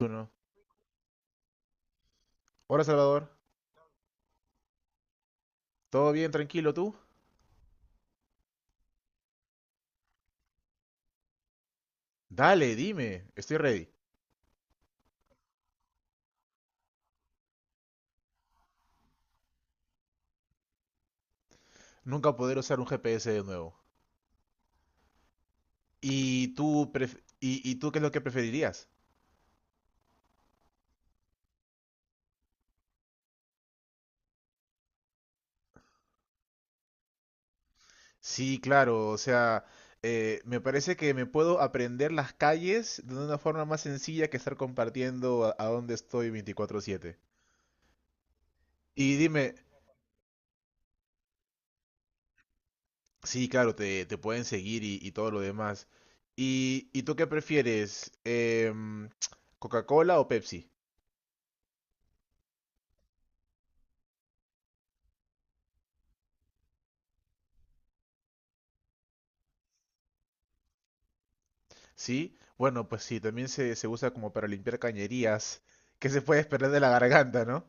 Uno. Hola Salvador, ¿todo bien, tranquilo tú? Dale, dime, estoy ready. Nunca poder usar un GPS de nuevo. ¿Y tú, y tú qué es lo que preferirías? Sí, claro, o sea, me parece que me puedo aprender las calles de una forma más sencilla que estar compartiendo a dónde estoy 24/7. Y dime, sí, claro, te pueden seguir y todo lo demás. Y tú qué prefieres? ¿Coca-Cola o Pepsi? Sí, bueno, pues sí, también se usa como para limpiar cañerías. ¿Qué se puede esperar de la garganta, no?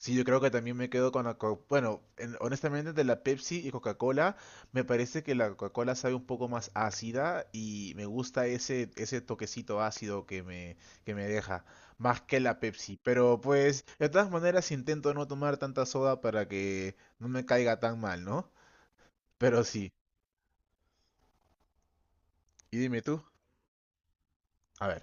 Sí, yo creo que también me quedo con la Bueno, honestamente de la Pepsi y Coca-Cola, me parece que la Coca-Cola sabe un poco más ácida y me gusta ese, ese toquecito ácido que me deja, más que la Pepsi. Pero pues, de todas maneras intento no tomar tanta soda para que no me caiga tan mal, ¿no? Pero sí, y dime tú, a ver,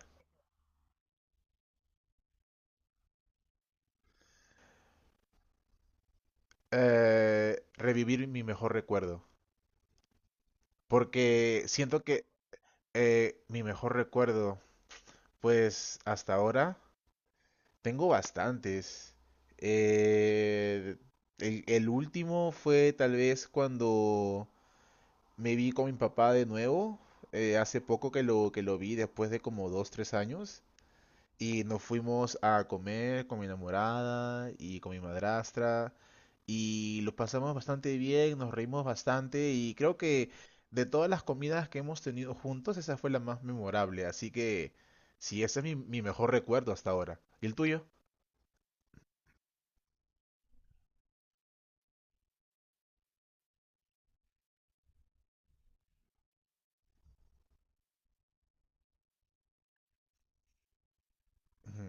revivir mi mejor recuerdo. Porque siento que mi mejor recuerdo, pues hasta ahora, tengo bastantes. Eh, el último fue tal vez cuando me vi con mi papá de nuevo, hace poco que lo vi, después de como dos, tres años. Y nos fuimos a comer con mi enamorada y con mi madrastra. Y lo pasamos bastante bien, nos reímos bastante. Y creo que de todas las comidas que hemos tenido juntos, esa fue la más memorable. Así que sí, ese es mi, mi mejor recuerdo hasta ahora. ¿Y el tuyo? Ujú,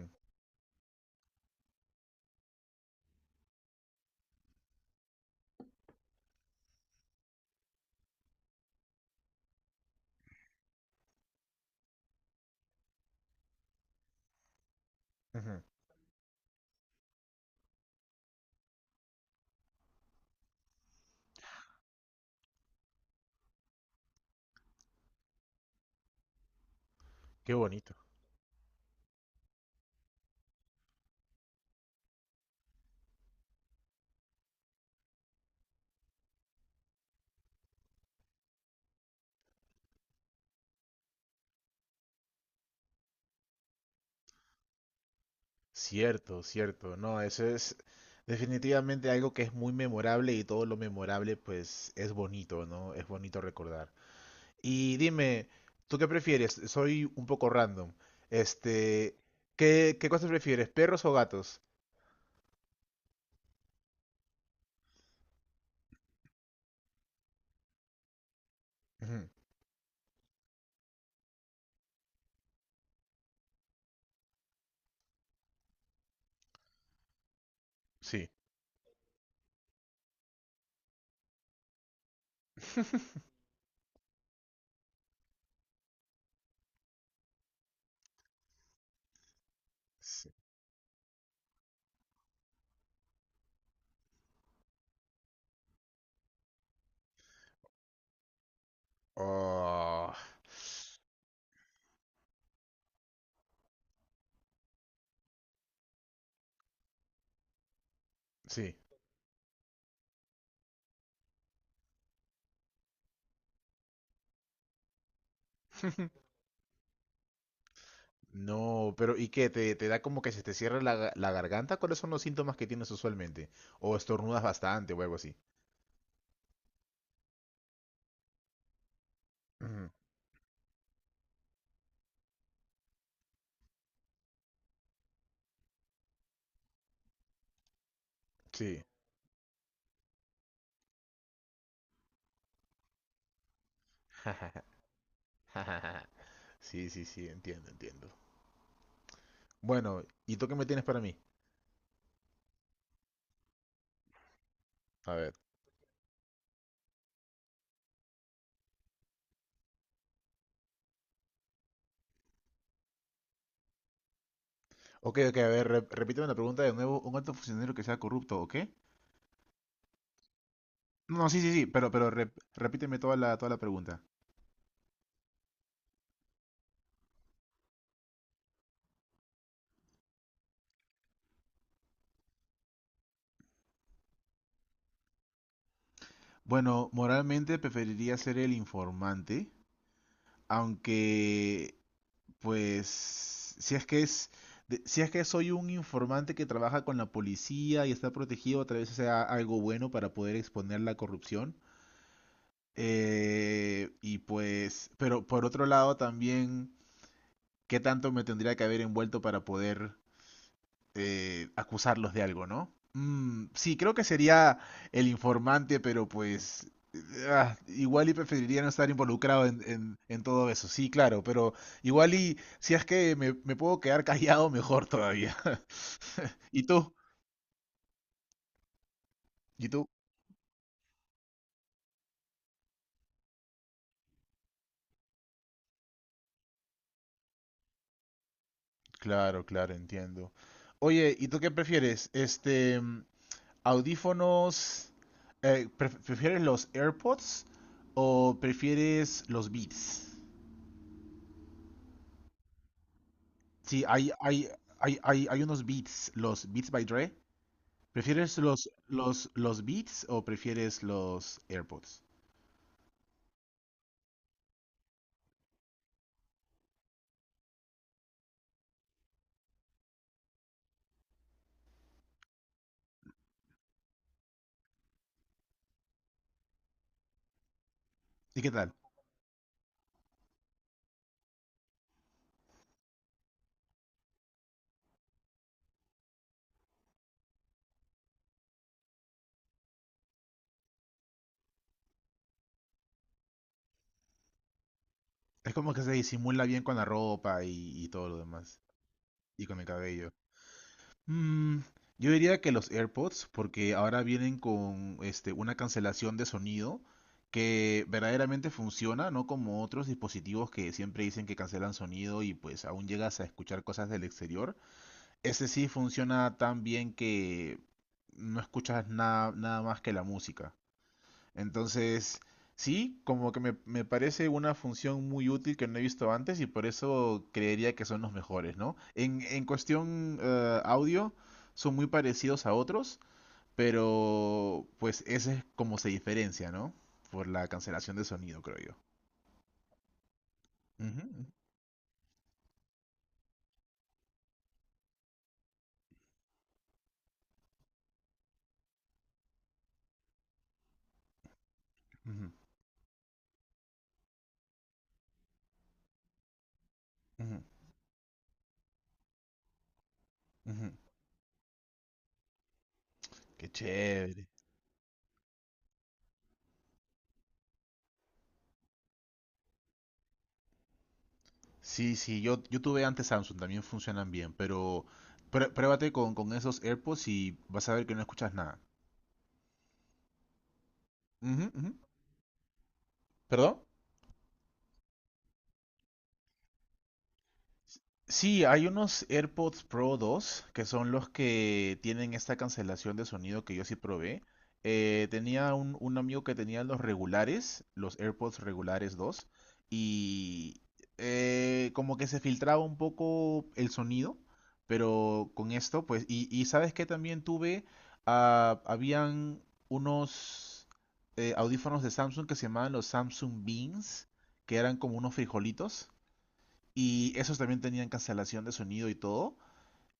ujú. Qué bonito. Cierto, cierto. No, eso es definitivamente algo que es muy memorable y todo lo memorable pues es bonito, ¿no? Es bonito recordar. Y dime, ¿tú qué prefieres? Soy un poco random. Este, ¿qué, qué cosas prefieres, perros o gatos? Ujú, sí. Sí. Oh, sí. No, pero ¿y qué? ¿Te, te da como que se te cierra la, la garganta? ¿Cuáles son los síntomas que tienes usualmente? ¿O estornudas bastante o algo así? Ujú, sí. Sí, sí, sí, entiendo, entiendo. Bueno, ¿y tú qué me tienes para mí? A ver. Ok, ok, a ver, repíteme la pregunta de nuevo. ¿Un alto funcionario que sea corrupto o qué? No, no, sí, sí, sí, pero repíteme toda la pregunta. Bueno, moralmente preferiría ser el informante, aunque, pues, si es que es, si es que soy un informante que trabaja con la policía y está protegido, tal vez sea algo bueno para poder exponer la corrupción. Y pues, pero por otro lado también, ¿qué tanto me tendría que haber envuelto para poder acusarlos de algo, ¿no? Sí, creo que sería el informante, pero pues igual y preferiría no estar involucrado en, en todo eso. Sí, claro, pero igual y si es que me puedo quedar callado, mejor todavía. ¿Y tú? ¿Y tú? Claro, claro, entiendo. Oye, ¿y tú qué prefieres? Este, audífonos, ¿prefieres los AirPods o prefieres los Beats? Sí, hay unos beats, los Beats by Dre. ¿Prefieres los beats o prefieres los AirPods? ¿Y qué tal? Es como que se disimula bien con la ropa y todo lo demás. Y con el cabello. Mm, yo diría que los AirPods, porque ahora vienen con este, una cancelación de sonido que verdaderamente funciona, no como otros dispositivos que siempre dicen que cancelan sonido y pues aún llegas a escuchar cosas del exterior. Ese sí funciona tan bien que no escuchas nada, nada más que la música. Entonces, sí, como que me parece una función muy útil que no he visto antes y por eso creería que son los mejores, ¿no? En cuestión audio, son muy parecidos a otros, pero pues ese es como se diferencia, ¿no? Por la cancelación de sonido, creo yo. Ujú, ujú, ujú, ujú. Qué chévere. Sí, sí, yo tuve antes Samsung, también funcionan bien, pero pruébate con esos AirPods y vas a ver que no escuchas nada. Ujú, ujú. ¿Perdón? Sí, hay unos AirPods Pro 2 que son los que tienen esta cancelación de sonido que yo sí probé. Tenía un amigo que tenía los regulares, los AirPods regulares 2, y como que se filtraba un poco el sonido, pero con esto, pues, y sabes que también tuve, habían unos audífonos de Samsung que se llamaban los Samsung Beans, que eran como unos frijolitos y esos también tenían cancelación de sonido y todo.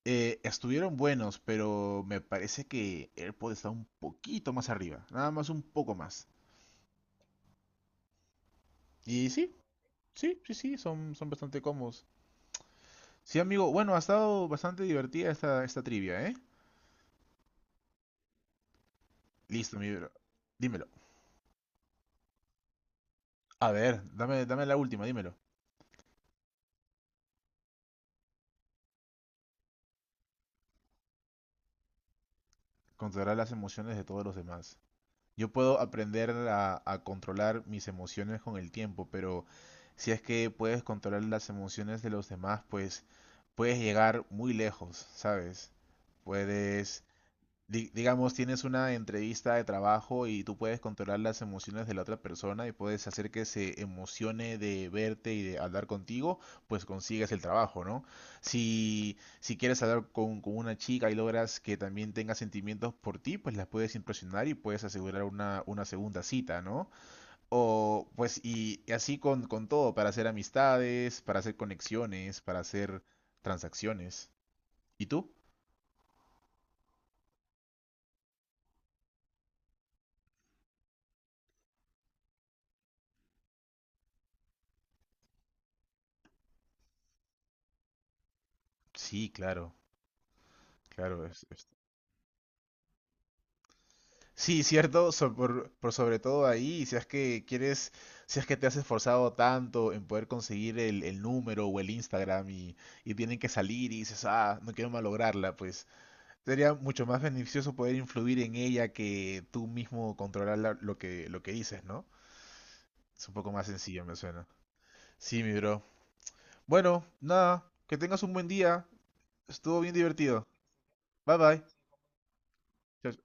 Estuvieron buenos, pero me parece que AirPod está un poquito más arriba, nada más un poco más. Y sí, sí, sí, sí, son, son bastante cómodos. Sí, amigo, bueno, ha estado bastante divertida esta, esta trivia, ¿eh? Listo, mi bro. Dímelo. A ver, dame, dame la última, dímelo. Contará las emociones de todos los demás. Yo puedo aprender a controlar mis emociones con el tiempo, pero si es que puedes controlar las emociones de los demás, pues puedes llegar muy lejos, ¿sabes? Puedes digamos, tienes una entrevista de trabajo y tú puedes controlar las emociones de la otra persona y puedes hacer que se emocione de verte y de hablar contigo, pues consigues el trabajo, ¿no? Si, si quieres hablar con una chica y logras que también tenga sentimientos por ti, pues la puedes impresionar y puedes asegurar una segunda cita, ¿no? O pues y así con todo, para hacer amistades, para hacer conexiones, para hacer transacciones. ¿Y tú? Sí, claro, claro, es, sí, cierto, por sobre todo ahí, si es que quieres, si es que te has esforzado tanto en poder conseguir el número o el Instagram y tienen que salir y dices, ah, no quiero malograrla, pues sería mucho más beneficioso poder influir en ella que tú mismo controlar la- lo que dices, ¿no? Es un poco más sencillo, me suena. Sí, mi bro. Bueno, nada, que tengas un buen día. Estuvo bien divertido. Bye bye. Chao,